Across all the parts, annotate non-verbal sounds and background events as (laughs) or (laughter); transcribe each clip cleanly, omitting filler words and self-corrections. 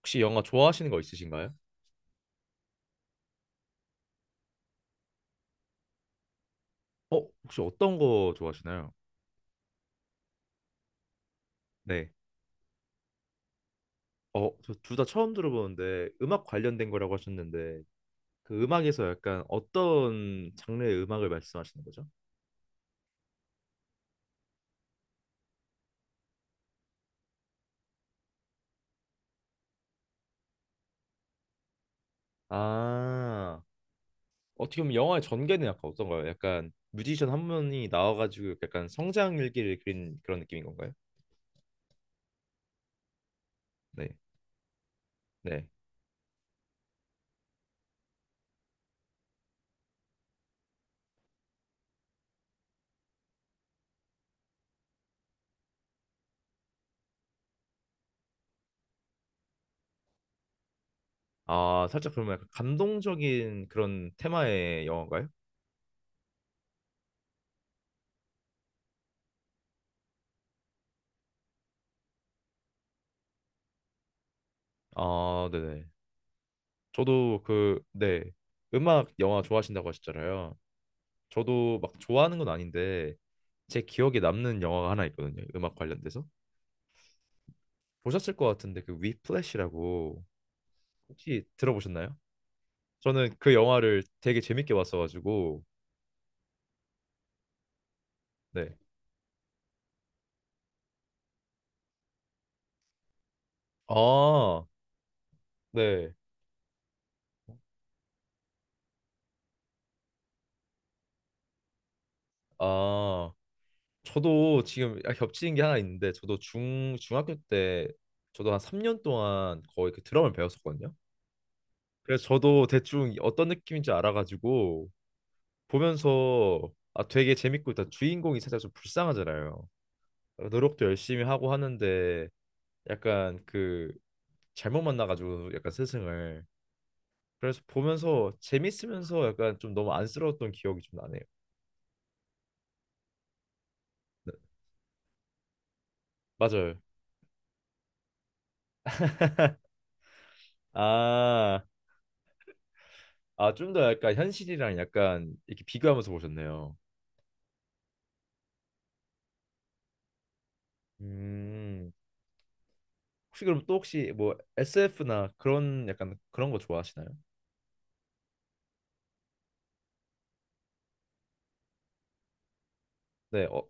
혹시 영화 좋아하시는 거 있으신가요? 어, 혹시 어떤 거 좋아하시나요? 네. 어, 저 둘 다 처음 들어보는데 음악 관련된 거라고 하셨는데 그 음악에서 약간 어떤 장르의 음악을 말씀하시는 거죠? 아, 어떻게 보면 영화의 전개는 약간 어떤가요? 약간 뮤지션 한 분이 나와가지고 약간 성장 일기를 그린 그런 느낌인 건가요? 네. 네. 아, 살짝 그러면 약간 감동적인 그런 테마의 영화인가요? 아, 네네. 저도 그, 네, 음악, 영화 좋아하신다고 하셨잖아요. 저도 막 좋아하는 건 아닌데 제 기억에 남는 영화가 하나 있거든요. 음악 관련돼서. 보셨을 것 같은데 그 위플래시라고 혹시 들어보셨나요? 저는 그 영화를 되게 재밌게 봤어가지고. 네. 아, 네. 아, 저도 지금 약간 겹치는 게 하나 있는데 저도 중 중학교 때 저도 한 3년 동안 거의 그 드럼을 배웠었거든요. 그래서 저도 대충 어떤 느낌인지 알아가지고 보면서 아 되게 재밌고 일단 주인공이 살짝 좀 불쌍하잖아요. 노력도 열심히 하고 하는데 약간 그 잘못 만나가지고 약간 스승을. 그래서 보면서 재밌으면서 약간 좀 너무 안쓰러웠던 기억이 좀 나네요. 네, 맞아요. 아, 아 좀 더 약간 현실이랑 약간 이렇게 비교하면서 보셨네요. 음, 혹시 그럼 또 혹시 뭐 SF나 그런 약간 그런 거 좋아하시나요? 네, 어,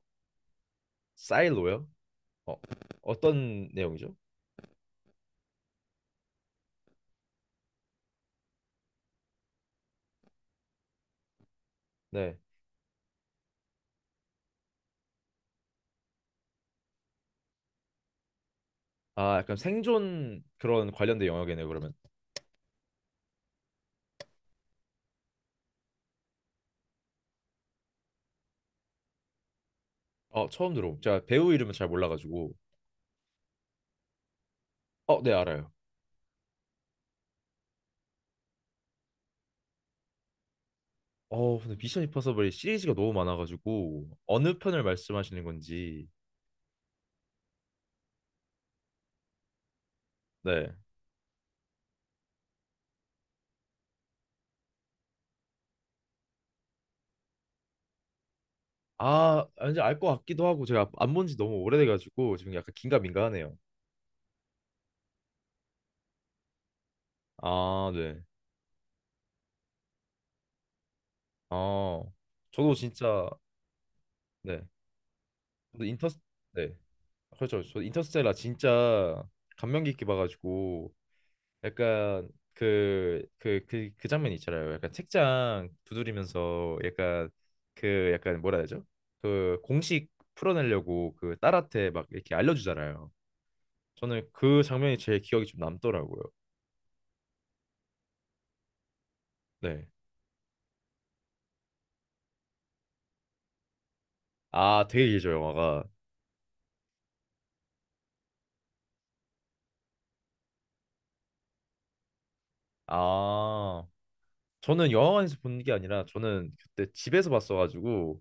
사일로요? 어, 어떤 내용이죠? 네. 아, 약간 생존 그런 관련된 영역이네요, 그러면. 어, 처음 들어. 제가 배우 이름은 잘 몰라가지고. 어, 네, 알아요. 어, 근데 미션 임파서블이 시리즈가 너무 많아가지고 어느 편을 말씀하시는 건지. 네. 아, 이제 알 것 같기도 하고 제가 안 본 지 너무 오래돼가지고 지금 약간 긴가민가하네요. 아, 네. 아, 저도 진짜 네. 저도 인터. 네. 그렇죠. 저 인터스텔라 진짜 감명 깊게 봐가지고 약간 그 장면 있잖아요. 약간 책장 두드리면서 약간 그 약간 뭐라 해야 되죠? 그 공식 풀어내려고 그 딸한테 막 이렇게 알려주잖아요. 저는 그 장면이 제일 기억이 좀 남더라고요. 네. 아, 되게 길죠, 영화가. 아, 저는 영화관에서 본 게 아니라 저는 그때 집에서 봤어가지고.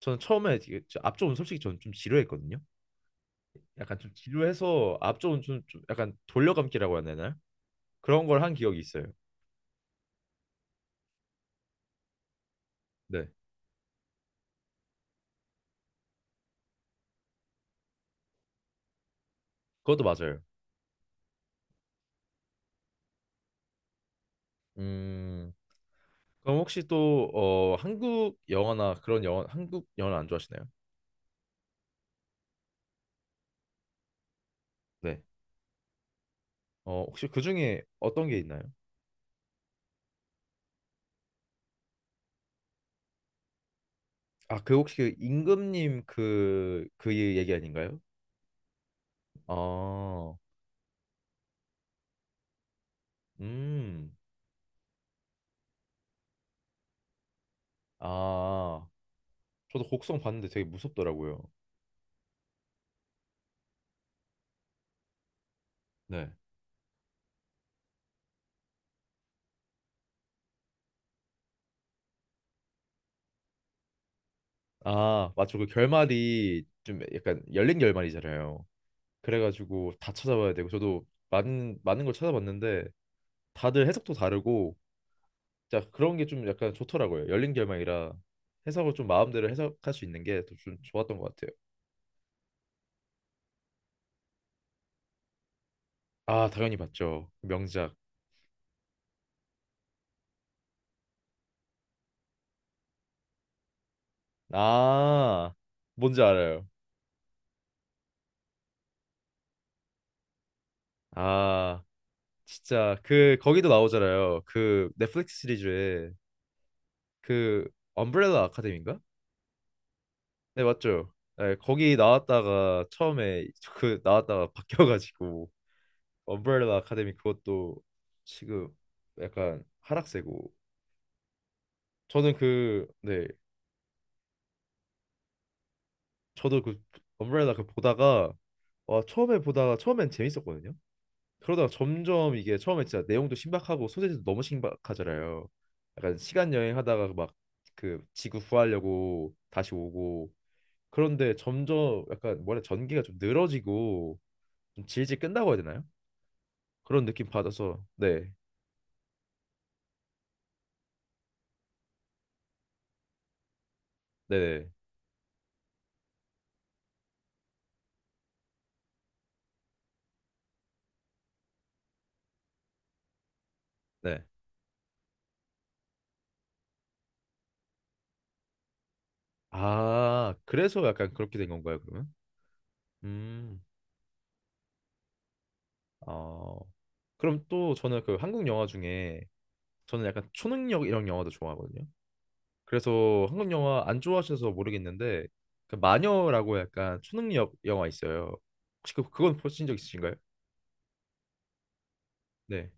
저는 처음에 이게 저 앞쪽은 솔직히 저는 좀 지루했거든요. 약간 좀 지루해서 앞쪽은 좀 약간 돌려감기라고 해야 되나요? 그런 걸 한 기억이 있어요. 네, 그것도 맞아요. 음, 그럼 혹시 또 어, 한국 영화나 그런 영화, 한국 영화 안 좋아하시나요? 네. 어, 혹시 그 중에 어떤 게 있나요? 아, 그 혹시 그 임금님 그, 그 얘기 아닌가요? 아, 음, 아, 저도 곡성 봤는데 되게 무섭더라고요. 네. 아, 맞죠. 그 결말이 좀 약간 열린 결말이잖아요. 그래가지고 다 찾아봐야 되고 저도 많은 걸 찾아봤는데 다들 해석도 다르고 자, 그런 게 좀 약간 좋더라고요. 열린 결말이라 해석을 좀 마음대로 해석할 수 있는 게 좀 좋았던 것 같아요. 아, 당연히 봤죠. 명작. 아, 뭔지 알아요. 아, 진짜 그 거기도 나오잖아요. 그 넷플릭스 시리즈에 그 엄브렐라 아카데미인가? 네, 맞죠. 네, 거기 나왔다가 처음에 그 나왔다가 (laughs) 바뀌어가지고. 엄브렐라 아카데미 그것도 지금 약간 하락세고. 저는 그네 저도 그 엄브렐라 그 보다가 와 처음에 보다가 처음엔 재밌었거든요. 그러다가 점점 이게 처음에 진짜 내용도 신박하고 소재도 너무 신박하잖아요. 약간 시간 여행하다가 막 그 지구 구하려고 다시 오고. 그런데 점점 약간 뭐라 전개가 좀 늘어지고 좀 질질 끈다고 해야 되나요? 그런 느낌 받아서 네, 네, 네. 네. 아 그래서 약간 그렇게 된 건가요 그러면? 음, 어. 그럼 또 저는 그 한국 영화 중에 저는 약간 초능력 이런 영화도 좋아하거든요. 그래서 한국 영화 안 좋아하셔서 모르겠는데 그 마녀라고 약간 초능력 영화 있어요. 혹시 그 그건 보신 적 있으신가요? 네.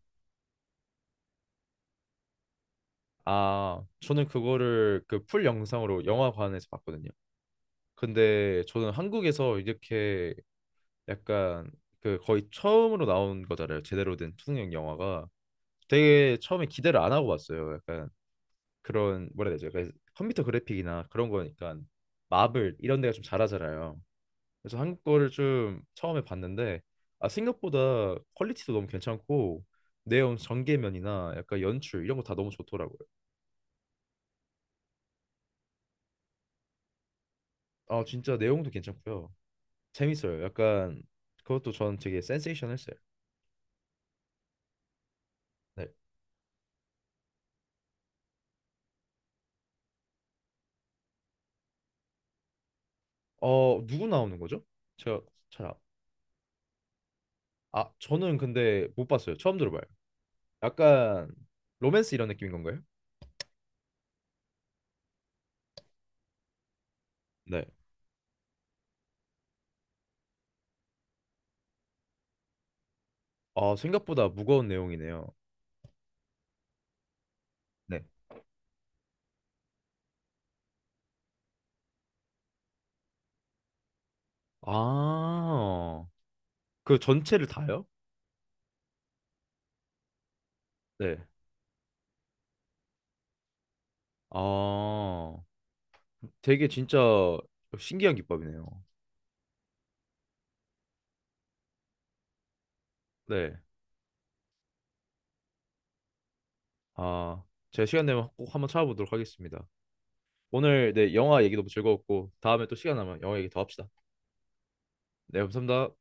아, 저는 그거를 그 풀 영상으로 영화관에서 봤거든요. 근데 저는 한국에서 이렇게 약간 그 거의 처음으로 나온 거잖아요. 제대로 된 초능력 영화가 되게 처음에 기대를 안 하고 봤어요. 약간 그런 뭐라 해야 되죠? 약간 컴퓨터 그래픽이나 그런 거니까 마블 이런 데가 좀 잘하잖아요. 그래서 한국 거를 좀 처음에 봤는데 아 생각보다 퀄리티도 너무 괜찮고 내용 전개면이나 약간 연출 이런 거 다 너무 좋더라고요. 아 진짜 내용도 괜찮고요. 재밌어요. 약간 그것도 전 되게 센세이션했어요. 네. 어 누구 나오는 거죠? 제가 잘 아, 아 저는 근데 못 봤어요. 처음 들어봐요. 약간 로맨스 이런 느낌인 건가요? 네. 아 생각보다 무거운 내용이네요. 네. 아 그 전체를 다요? 네. 아. 되게 진짜 신기한 기법이네요. 네. 아, 제가 시간 되면 꼭 한번 찾아보도록 하겠습니다. 오늘 네, 영화 얘기도 즐거웠고 다음에 또 시간 나면 영화 얘기 더 합시다. 네, 감사합니다.